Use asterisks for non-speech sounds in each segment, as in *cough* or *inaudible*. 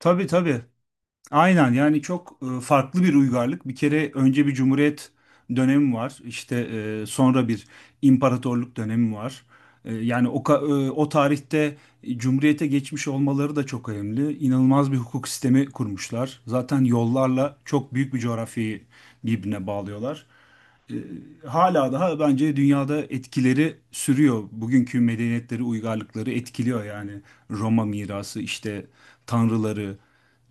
Tabii tabii. Aynen yani çok farklı bir uygarlık. Bir kere önce bir cumhuriyet dönemi var. İşte sonra bir imparatorluk dönemi var. Yani o tarihte cumhuriyete geçmiş olmaları da çok önemli. İnanılmaz bir hukuk sistemi kurmuşlar. Zaten yollarla çok büyük bir coğrafyayı birbirine bağlıyorlar. Hala daha bence dünyada etkileri sürüyor. Bugünkü medeniyetleri, uygarlıkları etkiliyor yani. Roma mirası, işte tanrıları,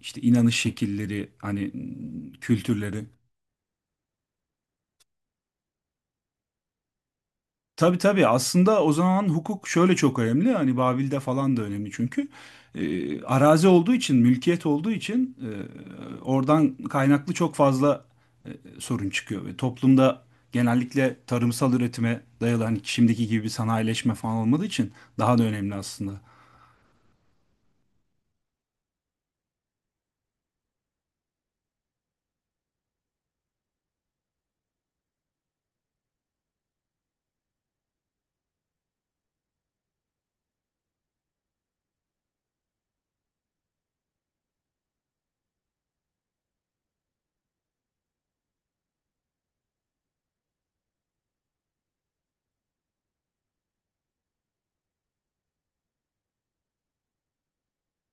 işte inanış şekilleri, hani kültürleri. Tabii tabii, aslında o zaman hukuk şöyle çok önemli, hani Babil'de falan da önemli, çünkü arazi olduğu için, mülkiyet olduğu için, oradan kaynaklı çok fazla e, sorun çıkıyor ve toplumda genellikle tarımsal üretime dayalı, hani şimdiki gibi bir sanayileşme falan olmadığı için daha da önemli aslında.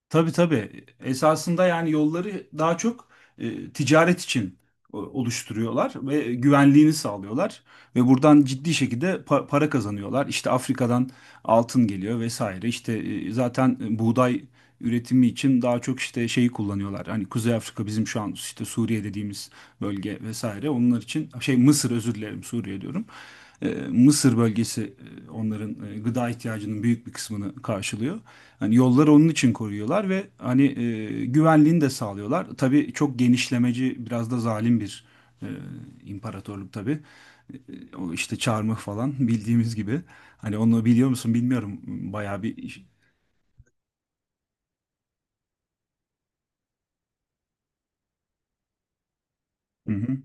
Tabii tabii. Esasında yani yolları daha çok ticaret için oluşturuyorlar ve güvenliğini sağlıyorlar ve buradan ciddi şekilde para kazanıyorlar. İşte Afrika'dan altın geliyor vesaire. İşte zaten buğday üretimi için daha çok işte şeyi kullanıyorlar. Hani Kuzey Afrika, bizim şu an işte Suriye dediğimiz bölge vesaire. Onlar için şey, Mısır, özür dilerim, Suriye diyorum. Mısır bölgesi onların gıda ihtiyacının büyük bir kısmını karşılıyor. Hani yolları onun için koruyorlar ve hani güvenliğini de sağlıyorlar. Tabii çok genişlemeci, biraz da zalim bir e, imparatorluk tabii. O işte çarmıh falan *laughs* bildiğimiz gibi. Hani onu biliyor musun bilmiyorum. Bayağı bir... Hı hı,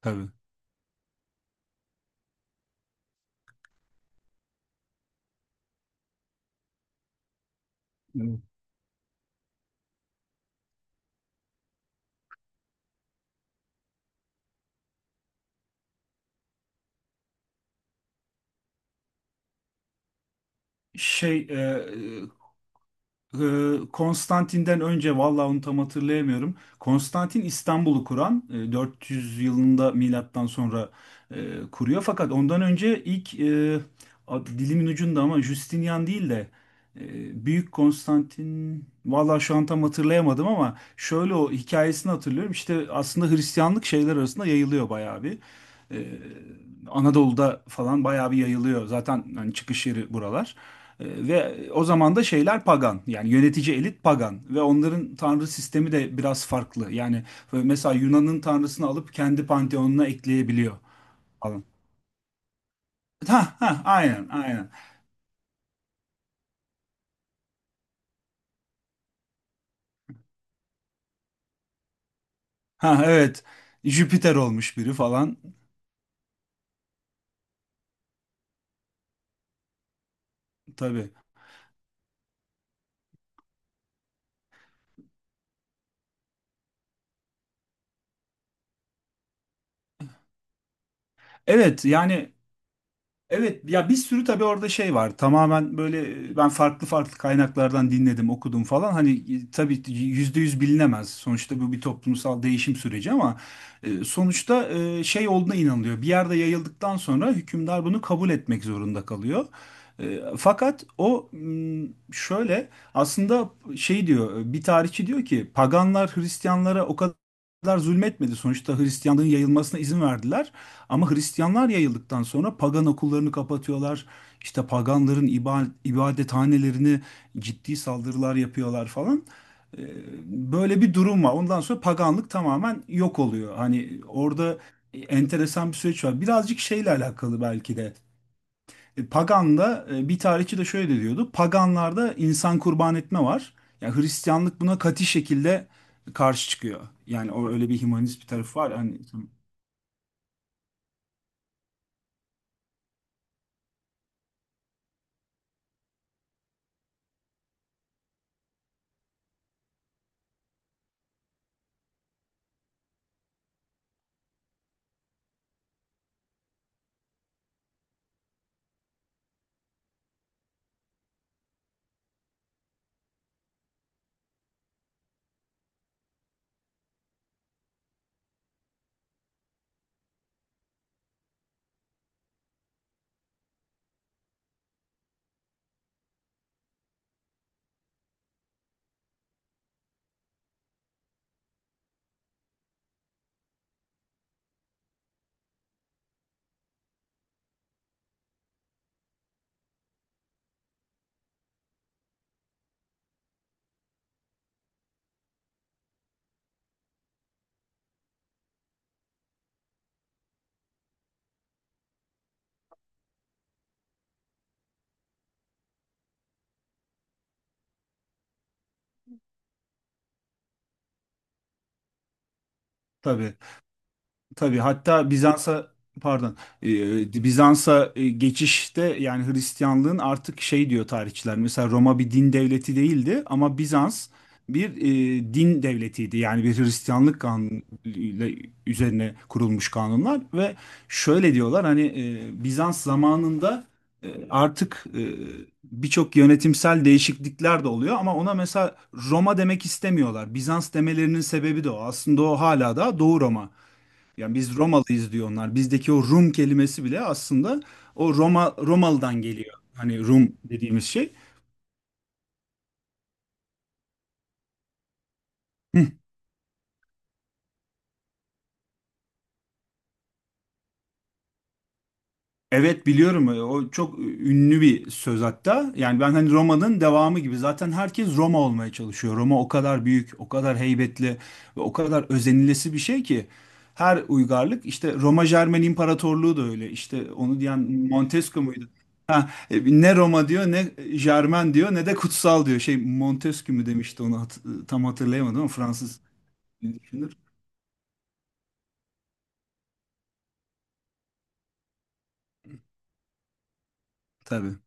tabii. Evet. Şey, Konstantin'den önce vallahi onu tam hatırlayamıyorum. Konstantin İstanbul'u kuran 400 yılında milattan sonra e, kuruyor. Fakat ondan önce ilk dilimin ucunda, ama Justinian değil de Büyük Konstantin, vallahi şu an tam hatırlayamadım ama şöyle o hikayesini hatırlıyorum. İşte aslında Hristiyanlık şeyler arasında yayılıyor bayağı bir. Ee, Anadolu'da falan bayağı bir yayılıyor. Zaten hani çıkış yeri buralar. Ve o zaman da şeyler pagan, yani yönetici elit pagan ve onların tanrı sistemi de biraz farklı. Yani mesela Yunan'ın tanrısını alıp kendi panteonuna ekleyebiliyor falan. Ha ha, aynen aynen. Ha, evet, Jüpiter olmuş biri falan tabii. Evet yani evet ya, bir sürü tabii orada şey var. Tamamen böyle ben farklı farklı kaynaklardan dinledim, okudum falan. Hani tabii yüzde yüz bilinemez. Sonuçta bu bir toplumsal değişim süreci, ama sonuçta şey olduğuna inanılıyor. Bir yerde yayıldıktan sonra hükümdar bunu kabul etmek zorunda kalıyor. Fakat o, şöyle aslında, şey diyor bir tarihçi, diyor ki paganlar Hristiyanlara o kadar zulmetmedi. Sonuçta Hristiyanlığın yayılmasına izin verdiler. Ama Hristiyanlar yayıldıktan sonra pagan okullarını kapatıyorlar. İşte paganların ibadethanelerini ciddi saldırılar yapıyorlar falan. Ee, Böyle bir durum var. Ondan sonra paganlık tamamen yok oluyor. Hani orada enteresan bir süreç var. Birazcık şeyle alakalı belki de. Pagan'da bir tarihçi de şöyle diyordu. Paganlarda insan kurban etme var. Yani Hristiyanlık buna katı şekilde karşı çıkıyor. Yani o öyle bir hümanist bir tarafı var. Hani tabii. Tabii hatta Bizans'a, pardon, Bizans'a geçişte, yani Hristiyanlığın artık, şey diyor tarihçiler, mesela Roma bir din devleti değildi ama Bizans bir din devletiydi. Yani bir Hristiyanlık kanunuyla üzerine kurulmuş kanunlar ve şöyle diyorlar, hani Bizans zamanında artık birçok yönetimsel değişiklikler de oluyor ama ona mesela Roma demek istemiyorlar. Bizans demelerinin sebebi de o. Aslında o hala da Doğu Roma, yani biz Romalıyız diyor onlar. Bizdeki o Rum kelimesi bile aslında o Roma Romalı'dan geliyor. Hani Rum dediğimiz şey. Hı. Evet biliyorum. O çok ünlü bir söz hatta. Yani ben hani Roma'nın devamı gibi. Zaten herkes Roma olmaya çalışıyor. Roma o kadar büyük, o kadar heybetli ve o kadar özenilesi bir şey ki. Her uygarlık işte Roma Jermen İmparatorluğu da öyle. İşte onu diyen Montesquieu muydu? Ha, ne Roma diyor, ne Jermen diyor, ne de kutsal diyor. Şey, Montesquieu mu demişti onu tam hatırlayamadım, ama Fransız düşünür. Tabii.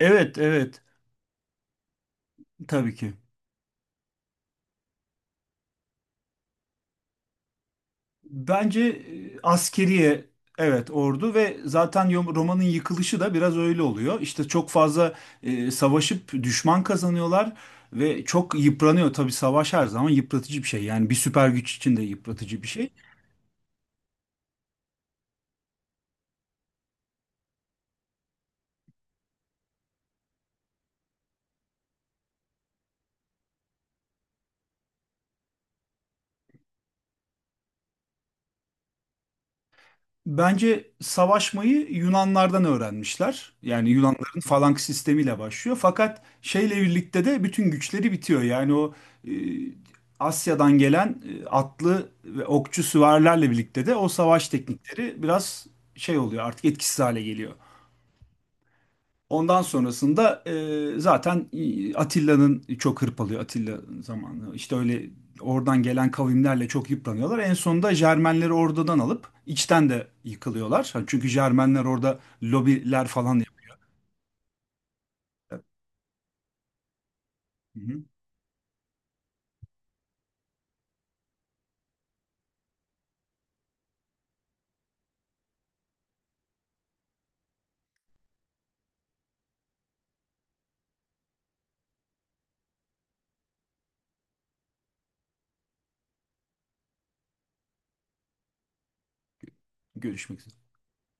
Evet evet, tabii ki. Bence askeriye, evet ordu ve zaten romanın yıkılışı da biraz öyle oluyor. İşte çok fazla savaşıp düşman kazanıyorlar ve çok yıpranıyor. Tabii savaş her zaman yıpratıcı bir şey. Yani bir süper güç için de yıpratıcı bir şey. Bence savaşmayı Yunanlardan öğrenmişler. Yani Yunanların falanks sistemiyle başlıyor. Fakat şeyle birlikte de bütün güçleri bitiyor. Yani o e, Asya'dan gelen atlı ve okçu süvarilerle birlikte de o savaş teknikleri biraz şey oluyor, artık etkisiz hale geliyor. Ondan sonrasında zaten Atilla'nın çok hırpalıyor, Atilla zamanı. İşte öyle, oradan gelen kavimlerle çok yıpranıyorlar. En sonunda Jermenleri oradan alıp içten de yıkılıyorlar. Çünkü Jermenler orada lobiler falan yapıyor. Hı hı. Görüşmek üzere.